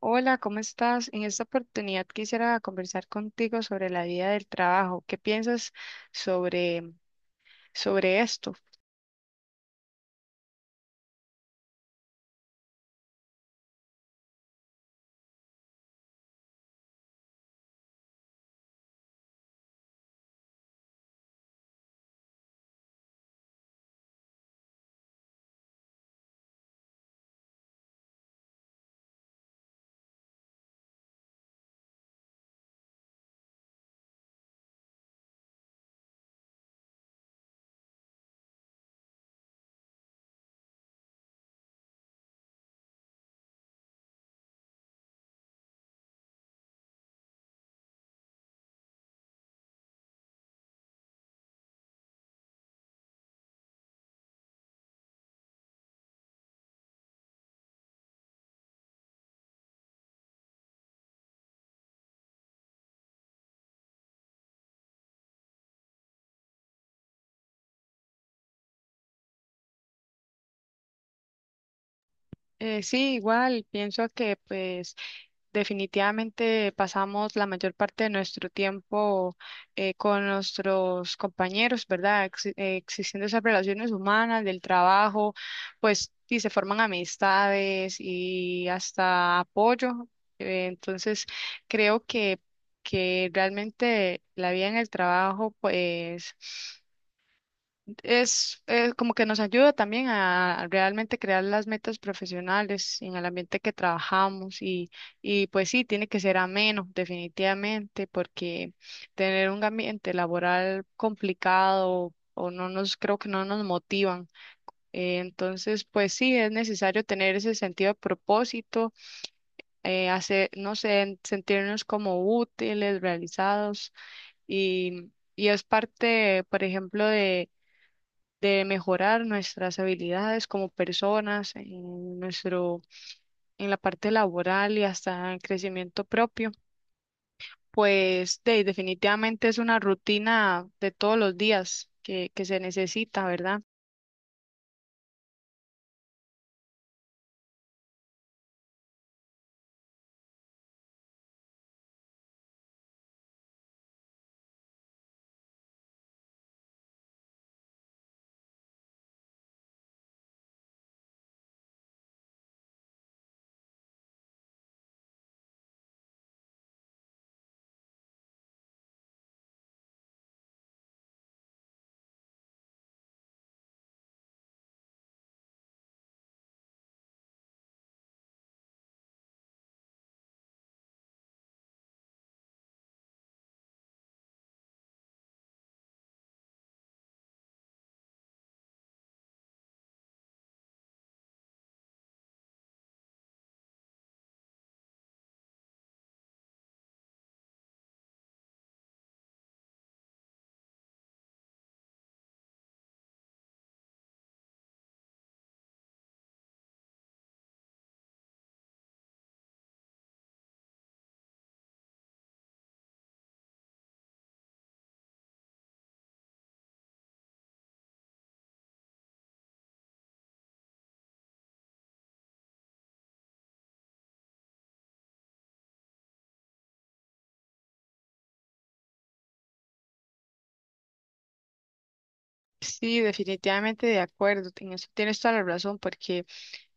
Hola, ¿cómo estás? En esta oportunidad quisiera conversar contigo sobre la vida del trabajo. ¿Qué piensas sobre, sobre esto? Sí, igual, pienso que pues definitivamente pasamos la mayor parte de nuestro tiempo con nuestros compañeros, ¿verdad? Existiendo esas relaciones humanas, del trabajo, pues, y se forman amistades y hasta apoyo. Entonces, creo que realmente la vida en el trabajo, pues es, como que nos ayuda también a realmente crear las metas profesionales en el ambiente que trabajamos y pues sí, tiene que ser ameno, definitivamente, porque tener un ambiente laboral complicado o no creo que no nos motivan. Entonces, pues sí, es necesario tener ese sentido de propósito, hacer, no sé, sentirnos como útiles, realizados y... Y es parte, por ejemplo, de mejorar nuestras habilidades como personas, en en la parte laboral y hasta en crecimiento propio, pues definitivamente es una rutina de todos los días que se necesita, ¿verdad? Sí, definitivamente de acuerdo, en eso tienes toda la razón, porque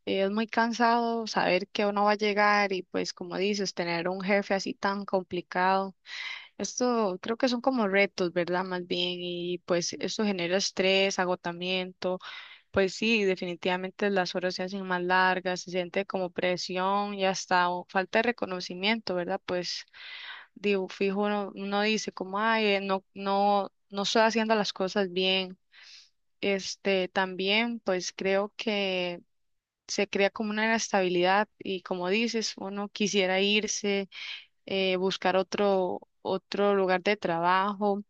es muy cansado saber que uno va a llegar y pues como dices, tener un jefe así tan complicado. Esto creo que son como retos, ¿verdad? Más bien, y pues esto genera estrés, agotamiento, pues sí, definitivamente las horas se hacen más largas, se siente como presión y hasta falta de reconocimiento, ¿verdad? Pues digo, fijo, uno dice como, ay, no, no, no estoy haciendo las cosas bien. Este, también, pues creo que se crea como una inestabilidad y como dices, uno quisiera irse, buscar otro lugar de trabajo,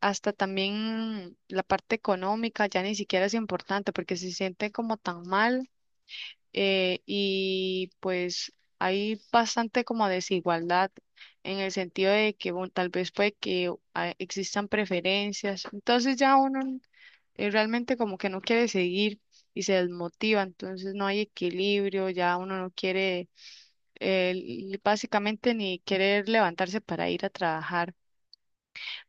hasta también la parte económica ya ni siquiera es importante porque se sienten como tan mal, y pues hay bastante como desigualdad en el sentido de que bueno, tal vez puede que existan preferencias, entonces ya uno realmente como que no quiere seguir y se desmotiva, entonces no hay equilibrio, ya uno no quiere, básicamente ni querer levantarse para ir a trabajar.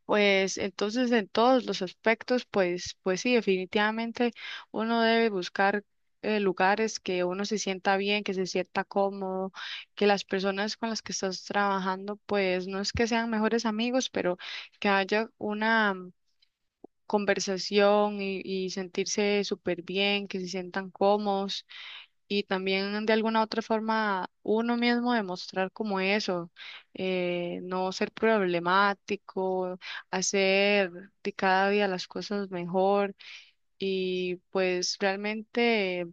Pues entonces en todos los aspectos, pues, pues sí, definitivamente uno debe buscar lugares que uno se sienta bien, que se sienta cómodo, que las personas con las que estás trabajando, pues no es que sean mejores amigos, pero que haya una conversación y sentirse súper bien, que se sientan cómodos y también de alguna otra forma uno mismo demostrar como eso, no ser problemático, hacer de cada día las cosas mejor y pues realmente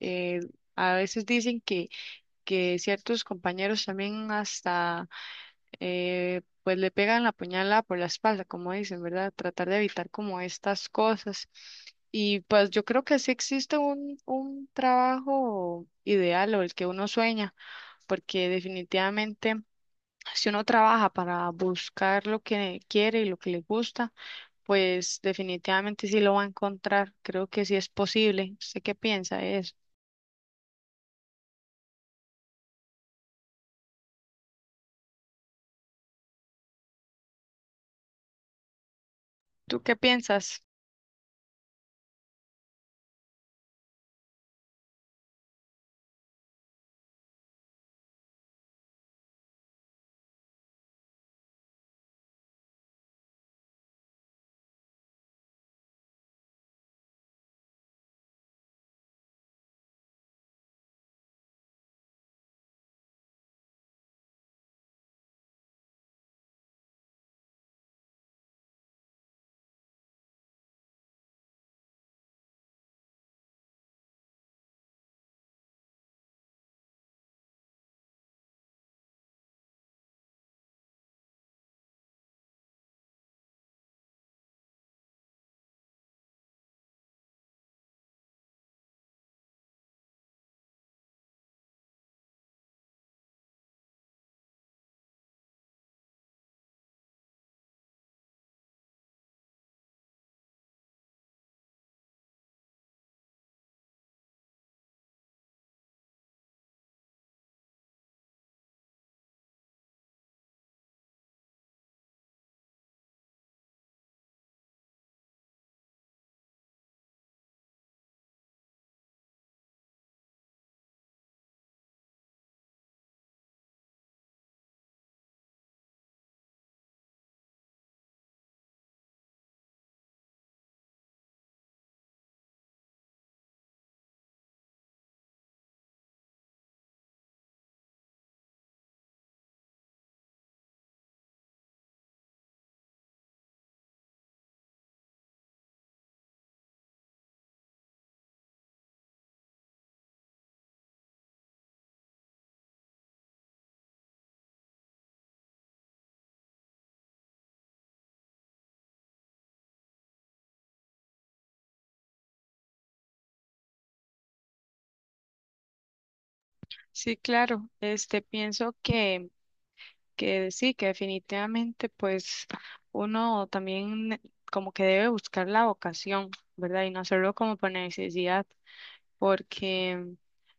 eh, a veces dicen que ciertos compañeros también hasta pues le pegan la puñalada por la espalda, como dicen, ¿verdad? Tratar de evitar como estas cosas. Y pues yo creo que sí existe un trabajo ideal o el que uno sueña, porque definitivamente si uno trabaja para buscar lo que quiere y lo que le gusta, pues definitivamente sí lo va a encontrar. Creo que sí es posible. ¿Usted qué piensa de eso? ¿Tú qué piensas? Sí, claro. Este, pienso que sí, que definitivamente pues uno también como que debe buscar la vocación, ¿verdad? Y no hacerlo como por necesidad, porque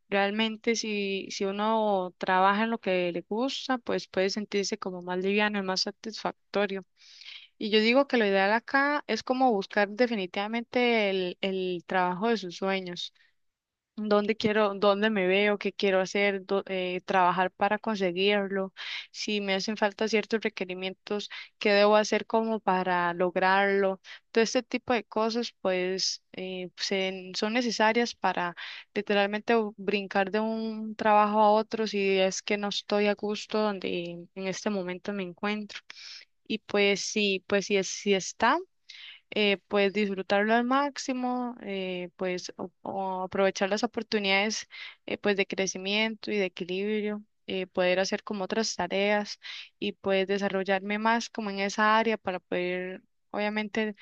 realmente si uno trabaja en lo que le gusta, pues puede sentirse como más liviano y más satisfactorio. Y yo digo que lo ideal acá es como buscar definitivamente el trabajo de sus sueños. Dónde quiero, dónde me veo, qué quiero hacer, trabajar para conseguirlo, si me hacen falta ciertos requerimientos, qué debo hacer como para lograrlo. Todo este tipo de cosas, pues, son necesarias para literalmente brincar de un trabajo a otro si es que no estoy a gusto donde en este momento me encuentro. Y pues sí, pues si, si está pues disfrutarlo al máximo, o aprovechar las oportunidades, pues de crecimiento y de equilibrio, poder hacer como otras tareas y pues desarrollarme más como en esa área para poder obviamente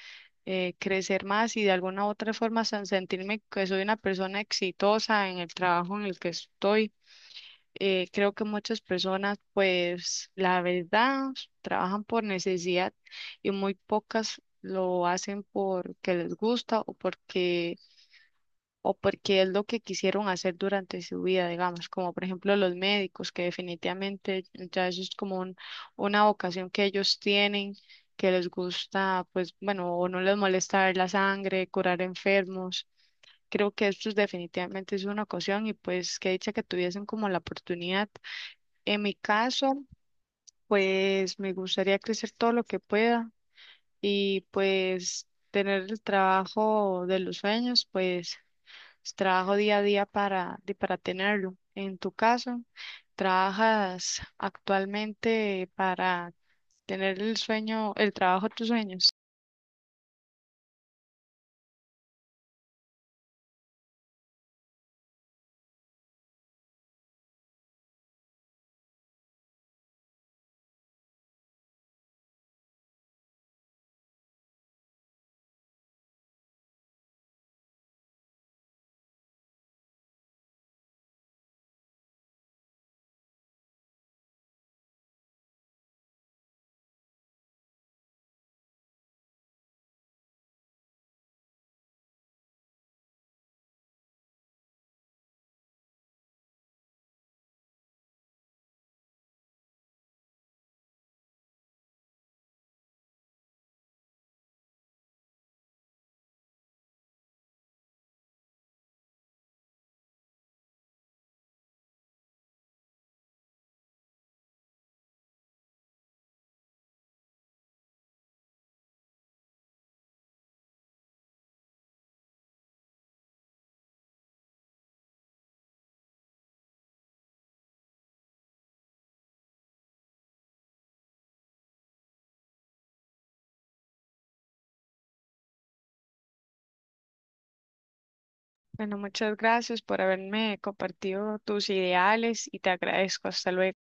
crecer más y de alguna u otra forma sentirme que soy una persona exitosa en el trabajo en el que estoy. Creo que muchas personas, pues la verdad, trabajan por necesidad y muy pocas lo hacen porque les gusta o o porque es lo que quisieron hacer durante su vida, digamos, como por ejemplo los médicos, que definitivamente ya eso es como una vocación que ellos tienen, que les gusta, pues bueno, o no les molesta ver la sangre, curar enfermos. Creo que esto es definitivamente es una ocasión y pues que dicha que tuviesen como la oportunidad. En mi caso, pues me gustaría crecer todo lo que pueda y pues tener el trabajo de los sueños, pues trabajo día a día para tenerlo. En tu caso, ¿trabajas actualmente para tener el sueño, el trabajo de tus sueños? Bueno, muchas gracias por haberme compartido tus ideales y te agradezco. Hasta luego.